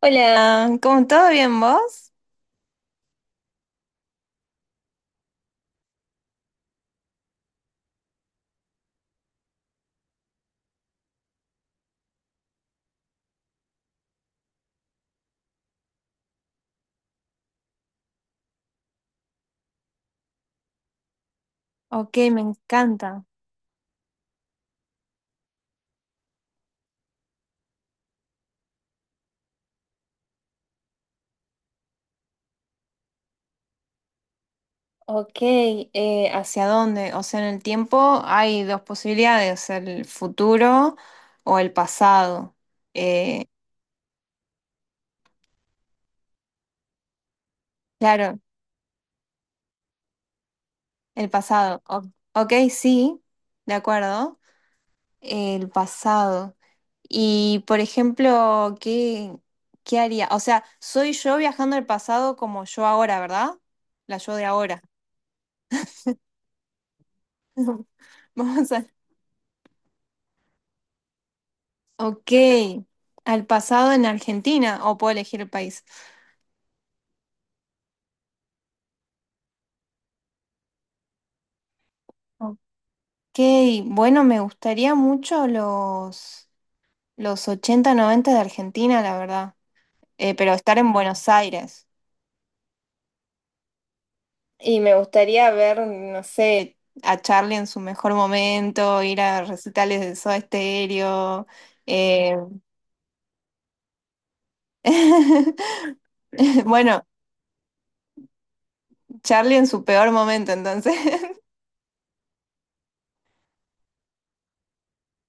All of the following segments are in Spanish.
Hola, ¿cómo todo bien vos? Ok, me encanta. Ok, ¿hacia dónde? O sea, en el tiempo hay dos posibilidades, el futuro o el pasado. Eh, claro, el pasado. Ok, sí, de acuerdo. El pasado. Y, por ejemplo, ¿qué haría? O sea, soy yo viajando al pasado como yo ahora, ¿verdad? La yo de ahora. Vamos a. Ok, al pasado en Argentina, o puedo elegir el país. Ok, bueno, me gustaría mucho los 80 90 de Argentina, la verdad. Pero estar en Buenos Aires. Y me gustaría ver, no sé, a Charlie en su mejor momento, ir a recitales de Soda Stereo. eh, Bueno, Charlie en su peor momento, entonces.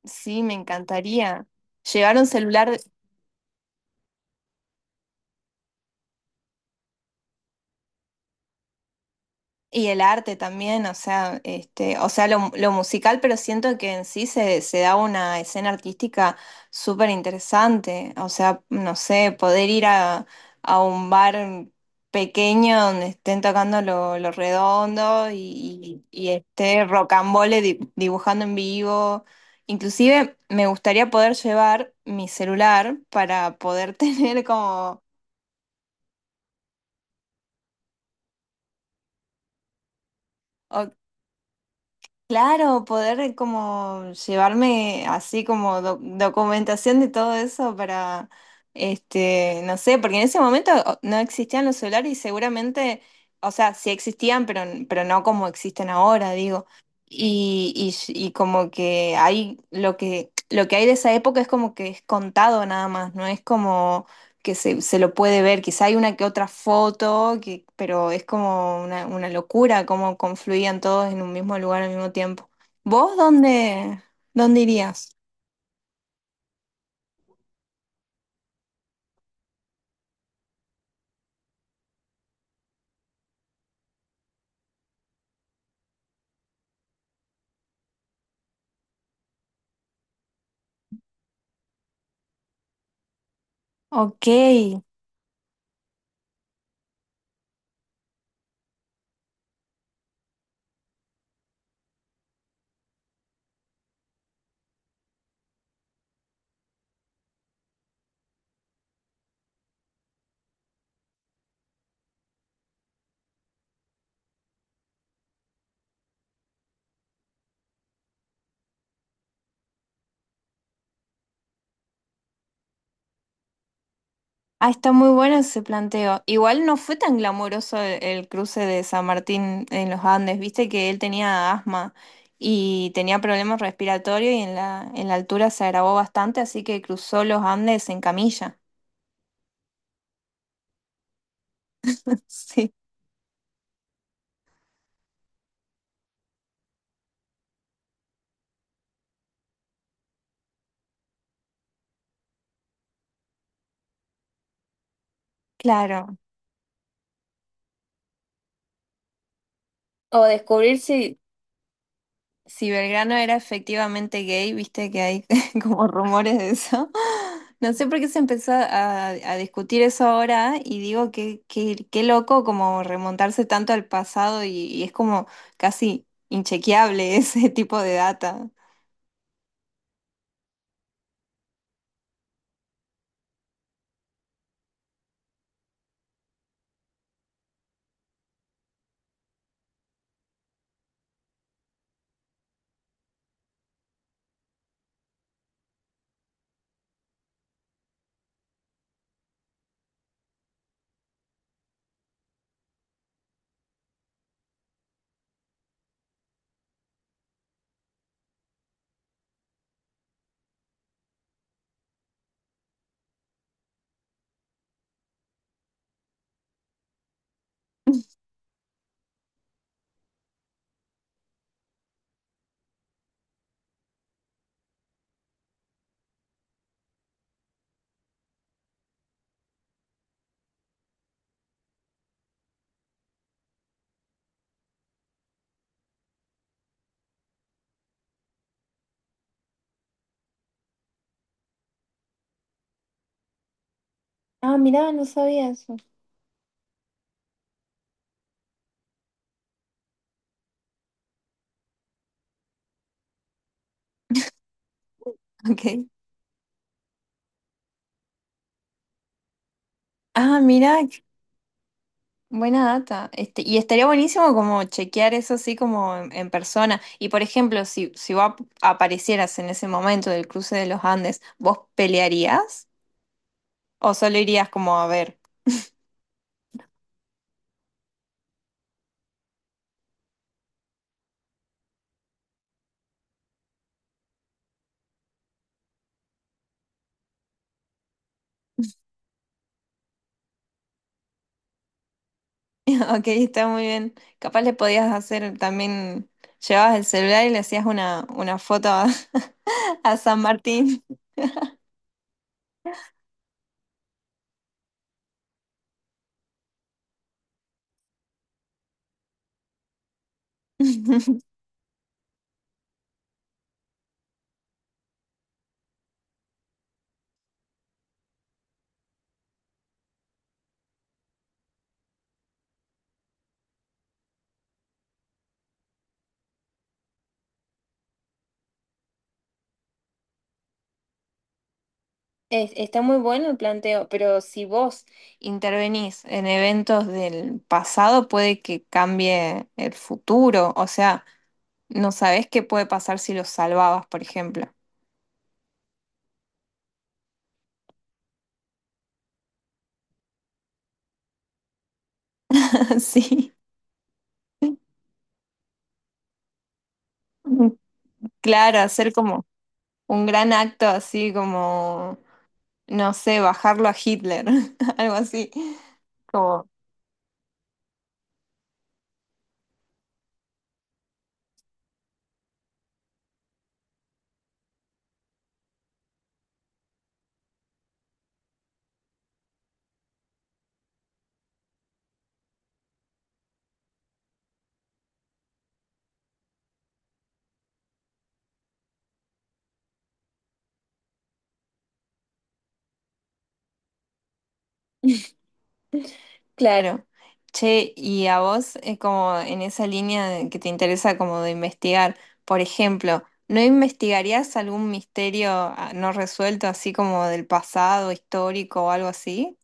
Sí, me encantaría. Llevar un celular. Y el arte también, o sea, este, o sea, lo musical, pero siento que en sí se da una escena artística súper interesante. O sea, no sé, poder ir a un bar pequeño donde estén tocando lo redondo y esté Rocambole dibujando en vivo. Inclusive me gustaría poder llevar mi celular para poder tener como. Claro, poder como llevarme así como documentación de todo eso para, este, no sé, porque en ese momento no existían los celulares y seguramente, o sea, sí existían, pero no como existen ahora, digo. Y como que hay lo que hay de esa época es como que es contado nada más, no es como que se lo puede ver, quizá hay una que otra foto, pero es como una locura cómo confluían todos en un mismo lugar al mismo tiempo. ¿Vos dónde irías? Ok. Ah, está muy bueno ese planteo. Igual no fue tan glamoroso el cruce de San Martín en los Andes, viste que él tenía asma y tenía problemas respiratorios y en la altura se agravó bastante, así que cruzó los Andes en camilla. Sí, claro. O descubrir si Belgrano era efectivamente gay, viste que hay como rumores de eso. No sé por qué se empezó a discutir eso ahora y digo que qué loco como remontarse tanto al pasado y es como casi inchequeable ese tipo de data. Ah, mirá, no sabía eso. Ok. Ah, mira, buena data. Este, y estaría buenísimo como chequear eso así como en persona. Y por ejemplo, si vos aparecieras en ese momento del cruce de los Andes, ¿vos pelearías? ¿O solo irías como a ver? Ok, está muy bien. Capaz le podías hacer también, llevabas el celular y le hacías una foto a San Martín. Está muy bueno el planteo, pero si vos intervenís en eventos del pasado, puede que cambie el futuro. O sea, no sabés qué puede pasar si los salvabas, por ejemplo. Sí, claro, hacer como un gran acto así como, no sé, bajarlo a Hitler, algo así, como. Claro. Che, y a vos, como en esa línea que te interesa como de investigar, por ejemplo, ¿no investigarías algún misterio no resuelto, así como del pasado, histórico o algo así?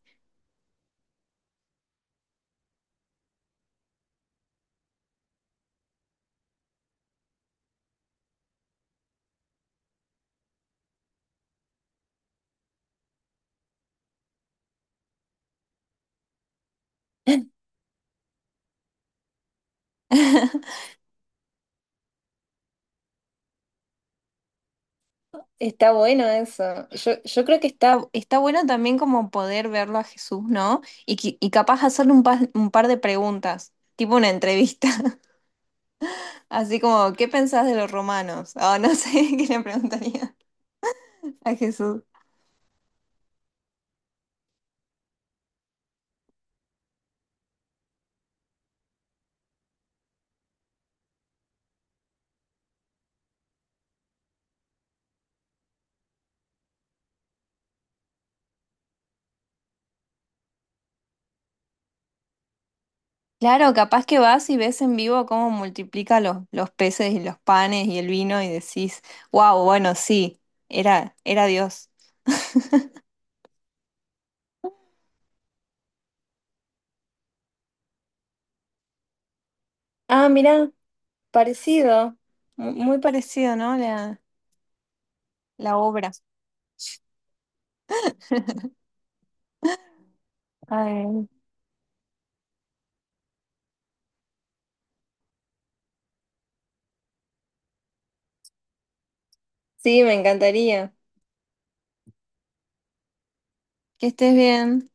Está bueno eso. Yo creo que está bueno también como poder verlo a Jesús, ¿no? Y capaz hacerle un par de preguntas, tipo una entrevista, así como, ¿qué pensás de los romanos? O no sé, ¿qué le preguntaría a Jesús? Claro, capaz que vas y ves en vivo cómo multiplica los peces y los panes y el vino y decís, wow, bueno, sí, era Dios. Ah, mirá, parecido, muy parecido, ¿no? La obra. Ay, sí, me encantaría. Que estés bien.